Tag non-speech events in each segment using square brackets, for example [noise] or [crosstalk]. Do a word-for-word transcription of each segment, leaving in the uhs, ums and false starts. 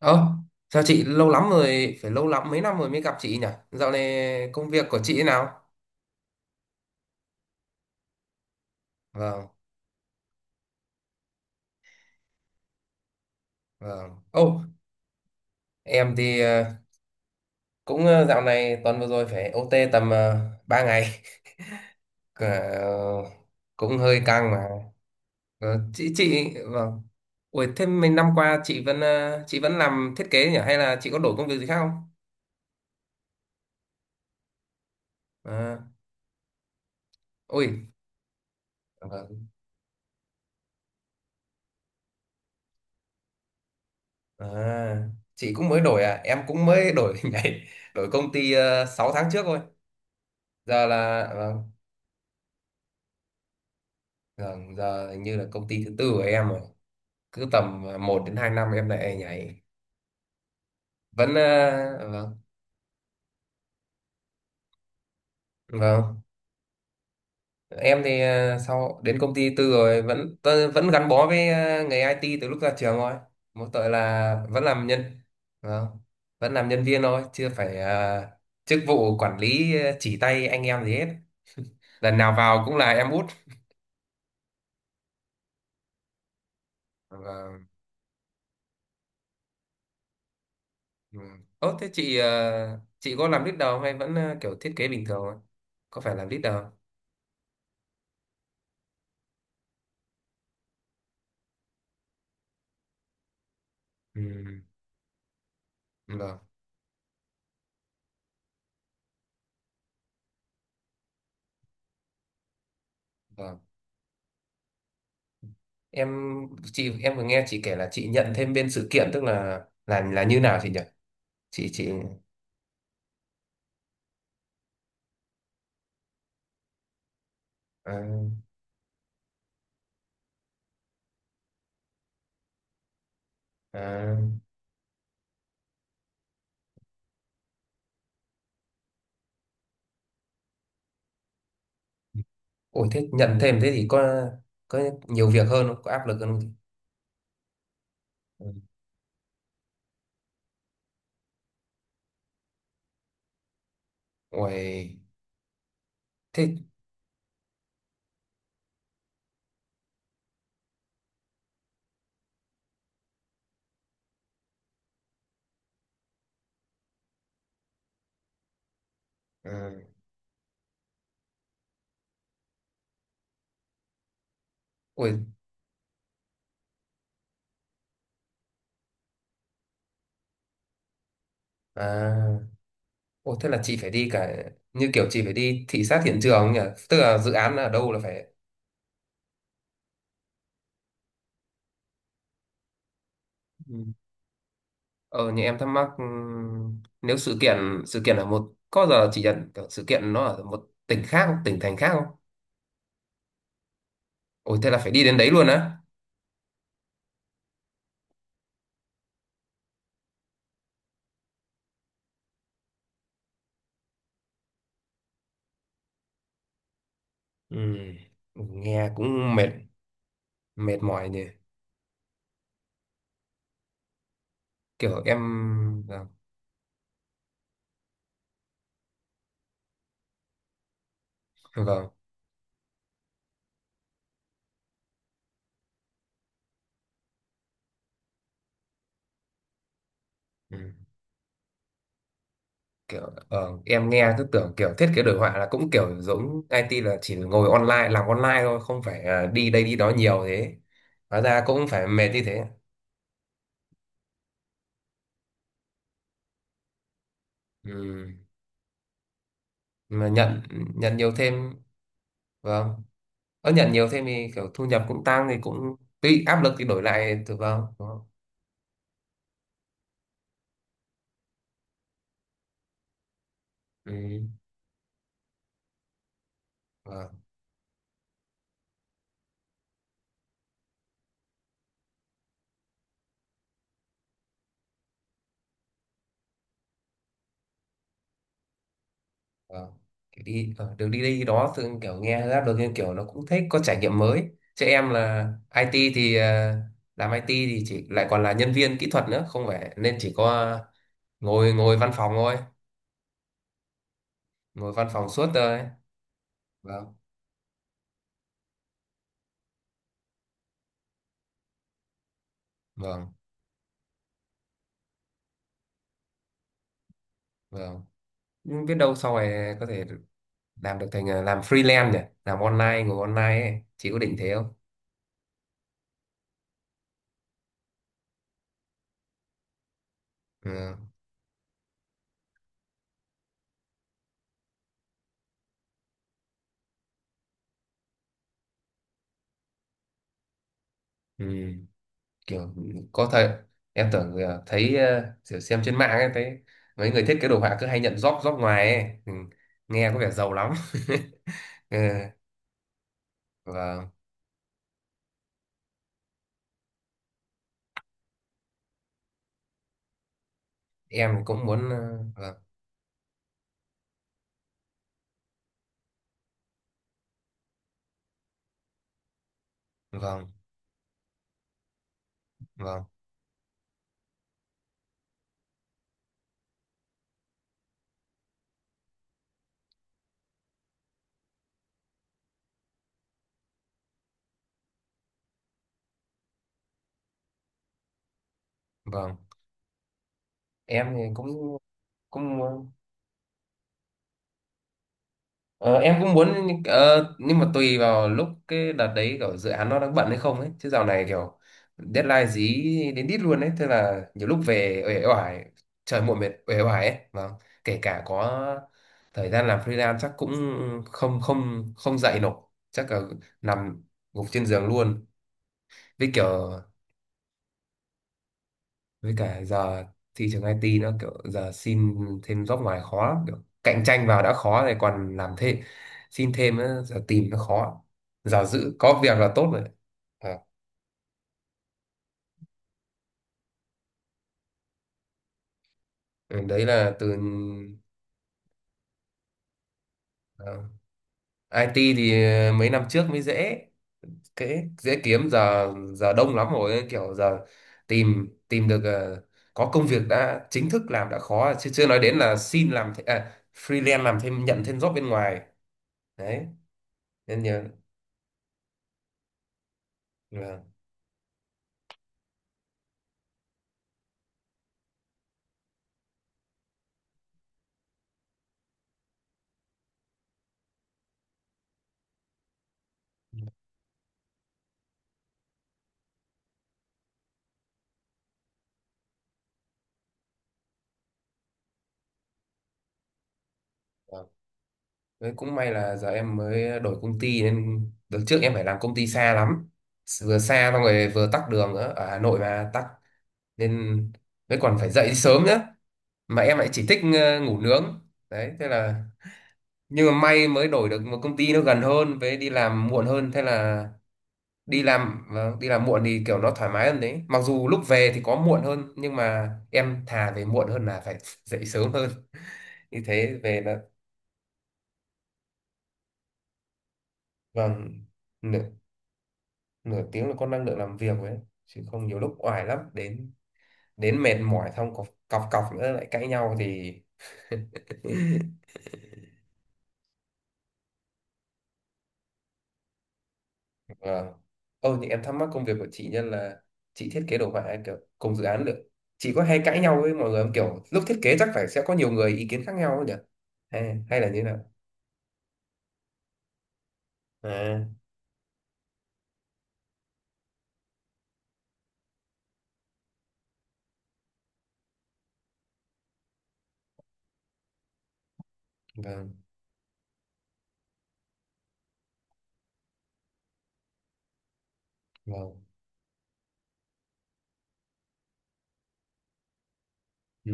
Ơ, chào chị lâu lắm rồi, phải lâu lắm mấy năm rồi mới gặp chị nhỉ? Dạo này công việc của chị thế nào? Vâng, vâng. Ô, em thì ờ, cũng ờ, dạo này tuần vừa rồi phải ô tê tầm ờ, ba ngày. Ờ, cũng hơi căng mà. Ờ, chị chị vâng. Ủa thế mấy năm qua chị vẫn ờ, chị vẫn làm thiết kế nhỉ hay là chị có đổi công việc gì khác không? À, ôi, vâng. À, chị cũng mới đổi à, em cũng mới đổi [laughs] nhảy, đổi công ty uh, sáu tháng trước thôi. Giờ là vâng. Vâng, giờ hình như là công ty thứ tư của em rồi. Cứ tầm à, một đến hai năm em lại nhảy. Vẫn ờ, vâng, vâng. Em thì ờ, sau đến công ty tư rồi vẫn tớ vẫn gắn bó với ờ, nghề ai ti từ lúc ra trường thôi. Mỗi tội là vẫn làm nhân. Vâng. Vẫn làm nhân viên thôi, chưa phải ờ, chức vụ quản lý ờ, chỉ tay anh em gì hết. Lần nào vào cũng là em út. Vâng. Ừ. Ơ thế chị ờ, chị có làm leader không hay vẫn ờ, kiểu thiết kế bình thường thôi? Có phải làm leader không? Ừ. Vâng, vâng. Em chị em vừa nghe chị kể là chị nhận thêm bên sự kiện tức là là là như nào chị nhỉ? Chị chị à, à. Ôi thế nhận thêm thế thì có có nhiều việc hơn không? Có áp lực hơn không chị? Ừ. Ôi thế à, ôi à, ôi thế là chị phải đi cả như kiểu chị phải đi thị sát hiện trường nhỉ? Tức là dự án ở đâu là phải. Ừ. Ờ như em thắc mắc ừm, nếu sự kiện sự kiện ở một có giờ chị nhận kiểu sự kiện nó ở một tỉnh khác không? Tỉnh thành khác không? Ôi thế là phải đi đến đấy luôn á. Ừ. Ừ, nghe cũng mệt mệt mỏi nhỉ. Kiểu em ờ, vâng, vâng. Ừ. Kiểu ờ, em nghe cứ tưởng kiểu thiết kế đồ họa là cũng kiểu giống ai ti là chỉ ngồi online làm online thôi, không phải à, đi đây đi đó nhiều thế. Hóa ra cũng phải mệt như thế. Ừ. Mà nhận nhận nhiều thêm vâng. Ở nhận nhiều thêm thì kiểu thu nhập cũng tăng thì cũng tuy áp lực thì đổi lại thì vâng, đúng không? Ừ. Vâng. Ờ, kiểu đi ờ, đường đi đi đó thường kiểu nghe rap được nhưng kiểu nó cũng thích có trải nghiệm mới chứ em là ai ti thì ờ, làm ai ti thì chỉ lại còn là nhân viên kỹ thuật nữa không phải nên chỉ có ngồi ngồi văn phòng thôi, ngồi văn phòng suốt thôi. Vâng, vâng, vâng. Nhưng biết đâu sau này có thể làm được thành ờ, làm freelance nhỉ, làm online ngồi online ấy. Chị có định thế không? Ừ. Ừ. kiểu có thời Em tưởng ờ, thấy ờ, kiểu xem trên mạng ấy, thấy mấy người thiết kế đồ họa cứ hay nhận job job ngoài ấy, ừ, nghe có vẻ giàu lắm [laughs] ừ. Vâng, em cũng muốn ờ, vâng, vâng, vâng, vâng. Em thì cũng cũng muốn. Ờ, em cũng muốn nhưng ờ, nhưng mà tùy vào lúc cái đợt đấy kiểu dự án nó đang bận hay không ấy, chứ dạo này kiểu deadline dí đến đít luôn ấy, thế là nhiều lúc về uể oải trời muộn mệt uể oải ấy vâng. Kể cả có thời gian làm freelance chắc cũng không không không dậy nổi, chắc là nằm gục trên giường luôn. Với kiểu với cả giờ thị trường ai ti nó kiểu giờ xin thêm job ngoài khó lắm, kiểu cạnh tranh vào đã khó rồi còn làm thêm xin thêm nữa, giờ tìm nó khó, giờ giữ có việc là tốt rồi. Ờ, ừ, đấy là từ ờ, ai ti thì mấy năm trước mới dễ dễ dễ kiếm giờ, giờ đông lắm rồi, kiểu giờ tìm tìm được ờ, có công việc đã chính thức làm đã khó rồi, chứ chưa nói đến là xin làm th- à, freelance làm thêm nhận thêm job bên ngoài đấy, nên nhờ vâng. Đấy, cũng may là giờ em mới đổi công ty nên đợt trước em phải làm công ty xa lắm, vừa xa xong rồi vừa tắc đường nữa ở Hà Nội mà tắc nên mới còn phải dậy sớm nữa, mà em lại chỉ thích ờ, ngủ nướng đấy thế là, nhưng mà may mới đổi được một công ty nó gần hơn với đi làm muộn hơn, thế là đi làm vâng, đi làm muộn thì kiểu nó thoải mái hơn đấy, mặc dù lúc về thì có muộn hơn nhưng mà em thà về muộn hơn là phải dậy sớm hơn, như thế về nó vâng, nửa tiếng là con năng lượng làm việc ấy chứ không nhiều lúc oải lắm đến đến mệt mỏi xong cọc cọc, cọc nữa lại cãi nhau thì [laughs] Vâng. Ô, thì em thắc mắc công việc của chị nhân là chị thiết kế đồ họa ấy, kiểu cùng dự án được. Chị có hay cãi nhau với mọi người không? Kiểu lúc thiết kế chắc phải sẽ có nhiều người ý kiến khác nhau ấy nhỉ? Hay, hay là như thế nào? À, vâng, vâng. Ừ,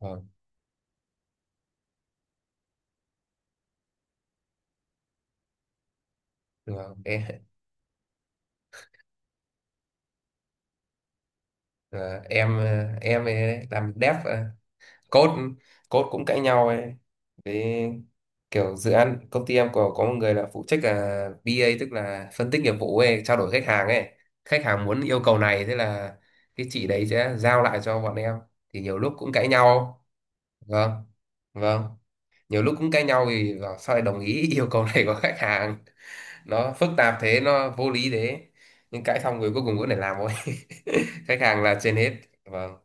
vâng, vâng. Em, à, [laughs] em, ờ, em ấy làm dev ờ, code code cũng cãi nhau ấy, với kiểu dự án công ty em có có một người là phụ trách là bi ây tức là phân tích nghiệp vụ ấy, trao đổi khách hàng ấy, khách hàng muốn yêu cầu này thế là cái chị đấy sẽ giao lại cho bọn em thì nhiều lúc cũng cãi nhau vâng vâng, nhiều lúc cũng cãi nhau vì bảo sao lại đồng ý [laughs] yêu cầu này của khách hàng, nó phức tạp thế nó vô lý thế, nhưng cãi xong rồi cuối cùng vẫn phải làm thôi [laughs] khách hàng là trên hết vâng.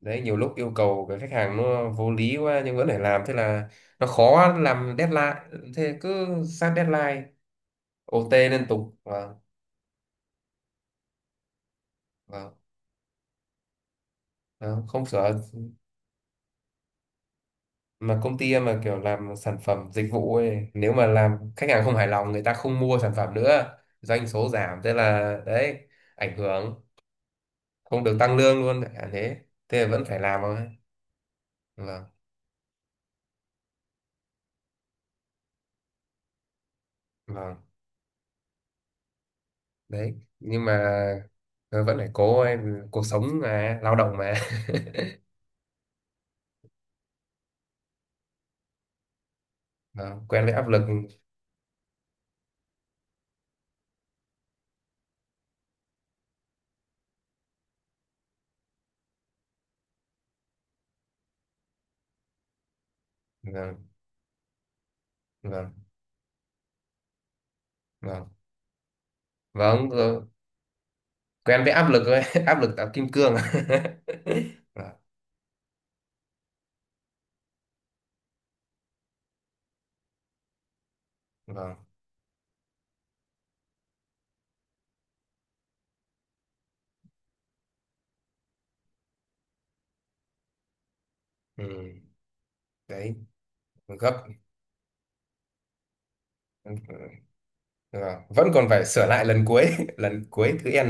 Đấy, nhiều lúc yêu cầu cái khách hàng nó vô lý quá nhưng vẫn phải làm, thế là nó khó làm deadline, thế cứ sát deadline ô tê liên tục vâng vâng. Đó, không sửa mà công ty em mà kiểu làm sản phẩm dịch vụ ấy, nếu mà làm khách hàng không hài lòng người ta không mua sản phẩm nữa doanh số giảm thế là đấy, ảnh hưởng không được tăng lương luôn à, thế thế là vẫn phải làm thôi vâng vâng. Đấy nhưng mà ờ, vẫn phải cố em, cuộc sống mà, lao động mà [laughs] vâng, quen với áp lực vâng vâng vâng vâng rồi, quen với áp lực rồi [laughs] áp lực tạo kim cương [laughs] vâng vâng ừ. Đấy gấp vâng, vẫn còn phải sửa lại lần cuối [laughs] lần cuối thứ n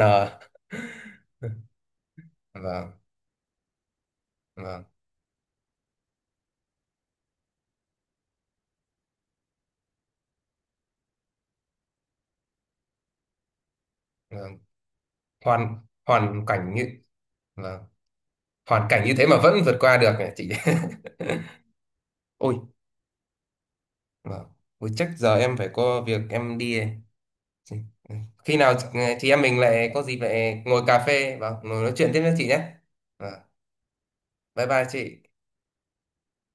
vâng vâng vâng hoàn hoàn cảnh như vâng hoàn cảnh như thế mà vẫn vượt qua được này chị [laughs] ôi vâng. Ôi chắc giờ em phải có việc em đi. Ừ. Khi nào chị em mình lại có dịp lại ngồi cà phê và ngồi nói chuyện tiếp với chị nhé. Vâng. Bye bye chị.